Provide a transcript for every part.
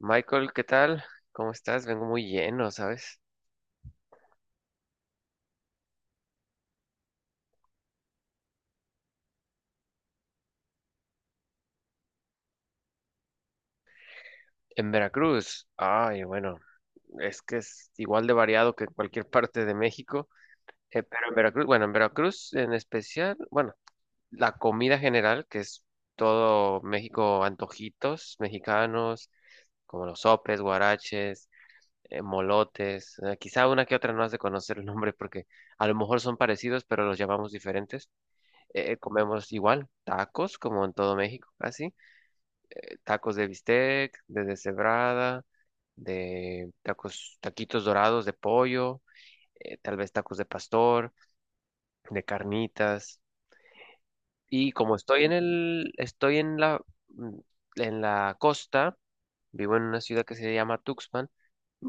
Michael, ¿qué tal? ¿Cómo estás? Vengo muy lleno, ¿sabes? En Veracruz. Ay, bueno, es que es igual de variado que en cualquier parte de México, pero en Veracruz, bueno, en Veracruz en especial, bueno, la comida general, que es todo México, antojitos mexicanos, como los sopes, guaraches, molotes, quizá una que otra no has de conocer el nombre porque a lo mejor son parecidos, pero los llamamos diferentes. Comemos igual, tacos, como en todo México, así. Tacos de bistec, de deshebrada, de tacos, taquitos dorados de pollo, tal vez tacos de pastor, de carnitas. Y como estoy en el, estoy en la, mm, en la costa, vivo en una ciudad que se llama Tuxpan,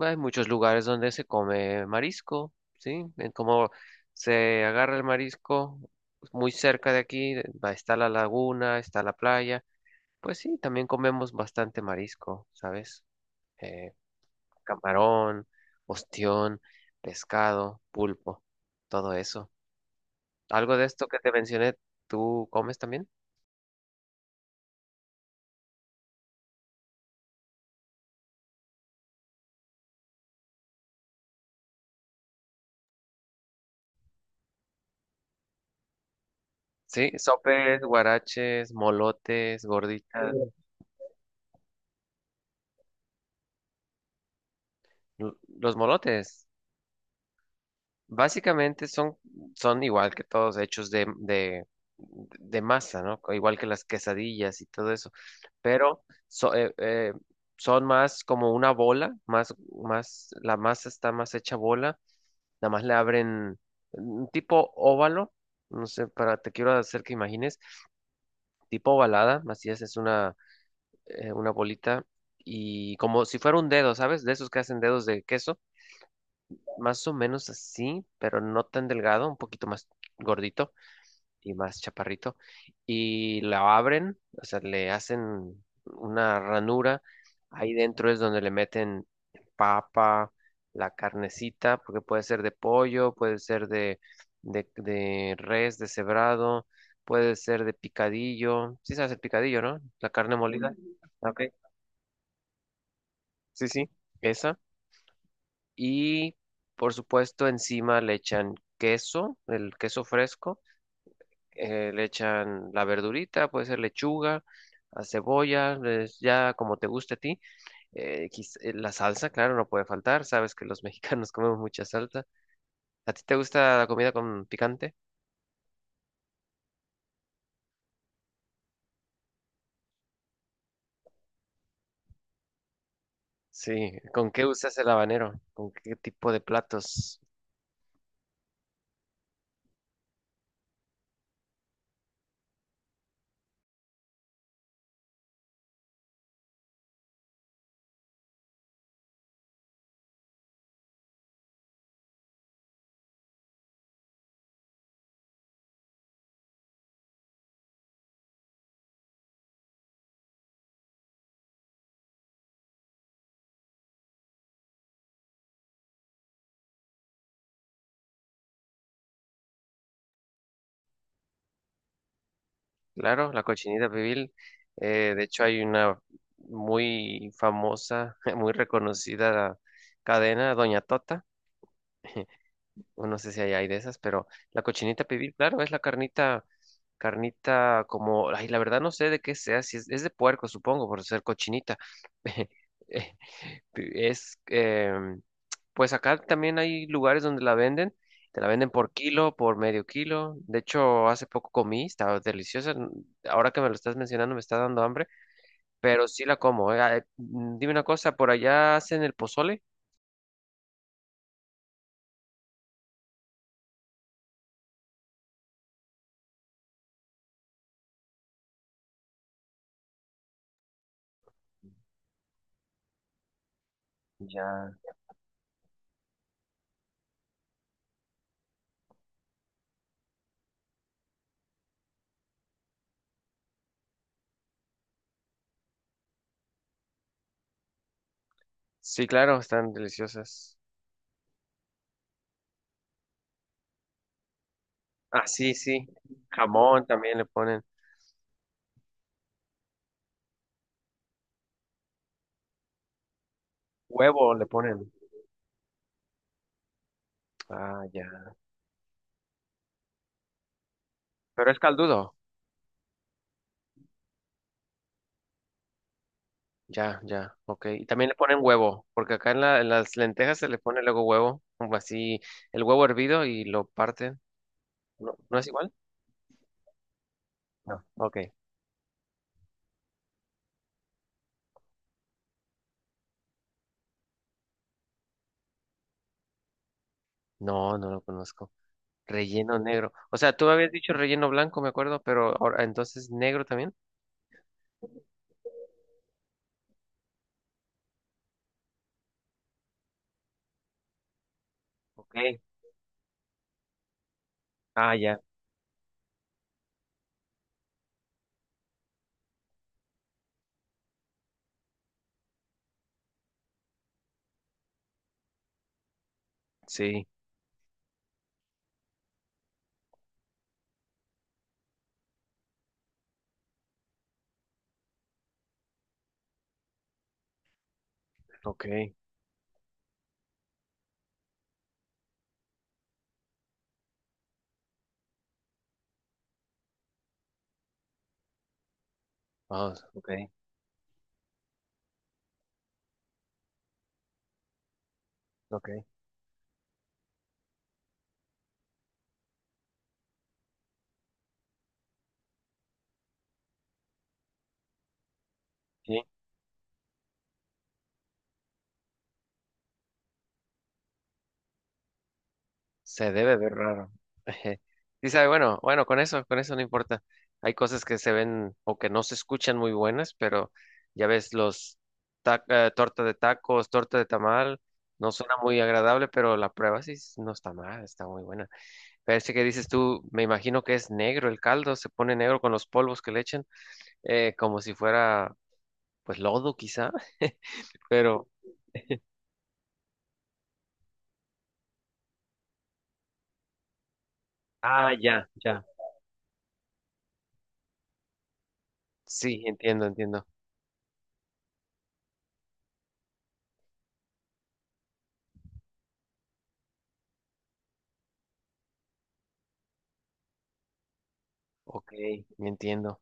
hay muchos lugares donde se come marisco, ¿sí? En como se agarra el marisco muy cerca de aquí, está la laguna, está la playa. Pues sí, también comemos bastante marisco, ¿sabes? eh, Camarón, ostión, pescado, pulpo, todo eso. ¿Algo de esto que te mencioné, tú comes también? Sí, sopes, guaraches, molotes, gorditas. L- Los molotes básicamente son, son igual que todos, hechos de masa, ¿no? Igual que las quesadillas y todo eso, pero son más como una bola, la masa está más hecha bola, nada más le abren un tipo óvalo, no sé, para, te quiero hacer que imagines, tipo ovalada, así es una bolita y como si fuera un dedo, ¿sabes? De esos que hacen dedos de queso, más o menos así, pero no tan delgado, un poquito más gordito y más chaparrito, y la abren, o sea, le hacen una ranura, ahí dentro es donde le meten papa, la carnecita, porque puede ser de pollo, puede ser de res deshebrado, puede ser de picadillo, sí sabes el picadillo, ¿no? La carne molida. Ok. Sí, sí, esa. Y por supuesto encima le echan queso, el queso fresco, le echan la verdurita, puede ser lechuga, a cebolla, ya como te guste a ti. La salsa, claro, no puede faltar, sabes que los mexicanos comemos mucha salsa. ¿A ti te gusta la comida con picante? Sí, ¿con qué usas el habanero? ¿Con qué tipo de platos? Claro, la cochinita pibil. De hecho, hay una muy famosa, muy reconocida cadena, Doña Tota. Bueno, no sé si allá hay de esas, pero la cochinita pibil, claro, es la carnita, carnita como, ay, la verdad no sé de qué sea, si es de puerco, supongo, por ser cochinita. Eh, Es, em, pues acá también hay lugares donde la venden, te la venden por kilo, por medio kilo. De hecho, hace poco comí, estaba deliciosa. Ahora que me lo estás mencionando, me está dando hambre, pero sí la como. Dime una cosa, ¿por allá hacen el pozole? Ya. Sí, claro, están deliciosas. Ah, sí, sí. Jamón también le ponen. Huevo le ponen. Ah, ya. Pero es caldudo. Ya, ya. Ok. Y también le ponen huevo, porque acá en, en las lentejas se le pone luego huevo, como así, el huevo hervido y lo parten. ¿No, no es igual? No. Ok. No, no lo conozco. Relleno negro. O sea, tú me habías dicho relleno blanco, me acuerdo, pero ahora, entonces negro también. Ok. Ah, ya. Sí. Ok. Ah, ok. Ok. Sí. Se debe ver raro. Sí, sabe, bueno, bueno, con eso no importa. Hay cosas que se ven o que no se escuchan muy buenas, pero ya ves, los torta de tacos, torta de tamal, no suena muy agradable, pero la prueba no está mal, está muy buena. Pero este que dices tú, me imagino que es negro el caldo, se pone negro con los polvos que le echan, como si fuera, pues, lodo quizá, pero... Ah, ya, ya. Sí, entiendo, entiendo. Ok, me entiendo.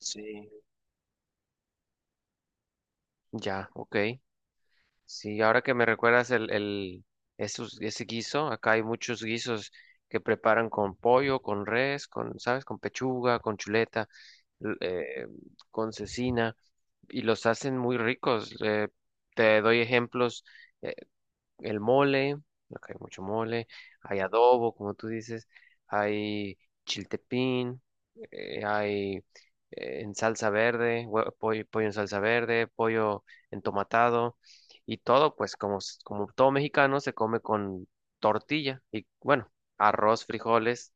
Sí. Ya, ok. Sí, ahora que me recuerdas ese guiso, acá hay muchos guisos que preparan con pollo, con res, con, ¿sabes? Con pechuga, con chuleta, l- eh, con cecina, y los hacen muy ricos. Te doy ejemplos: el mole, acá hay mucho mole, hay adobo, como tú dices, hay chiltepín, hay en salsa verde, pollo, pollo en salsa verde, pollo entomatado y todo, pues como, como todo mexicano se come con tortilla y bueno, arroz, frijoles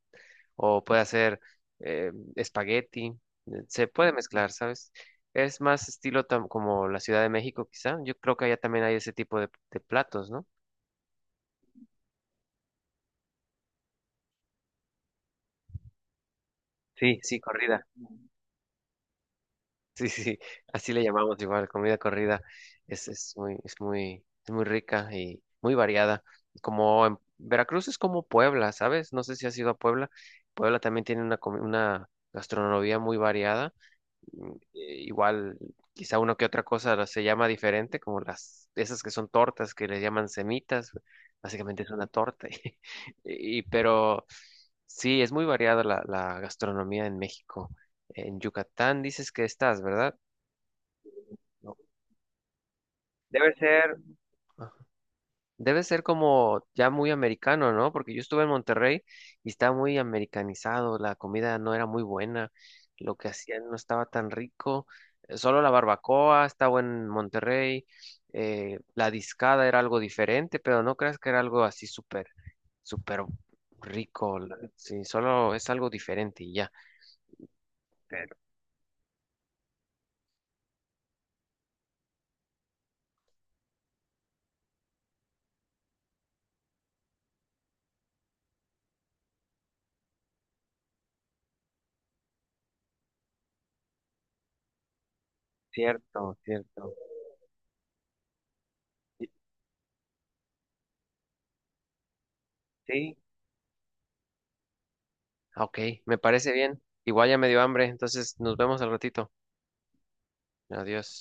o puede hacer espagueti, se puede mezclar, ¿sabes? Es más estilo como la Ciudad de México, quizá. Yo creo que allá también hay ese tipo de platos, ¿no? Sí, sí, corrida. Sí, sí, sí, así le llamamos igual, comida corrida. Es muy rica y muy variada. Como en Veracruz es como Puebla, ¿sabes? No sé si has ido a Puebla. Puebla también tiene una gastronomía muy variada, igual, quizá uno que otra cosa se llama diferente, como las, esas que son tortas, que les llaman semitas, básicamente es una torta, pero sí, es muy variada la gastronomía en México. En Yucatán dices que estás, ¿verdad? No. Debe ser. Debe ser como ya muy americano, ¿no? Porque yo estuve en Monterrey y estaba muy americanizado, la comida no era muy buena, lo que hacían no estaba tan rico, solo la barbacoa estaba en Monterrey, la discada era algo diferente, pero no creas que era algo así súper, súper rico, sí, solo es algo diferente y ya. Pero cierto, cierto. Sí, sí. Ok, me parece bien. Igual ya me dio hambre, entonces nos vemos al ratito. Adiós.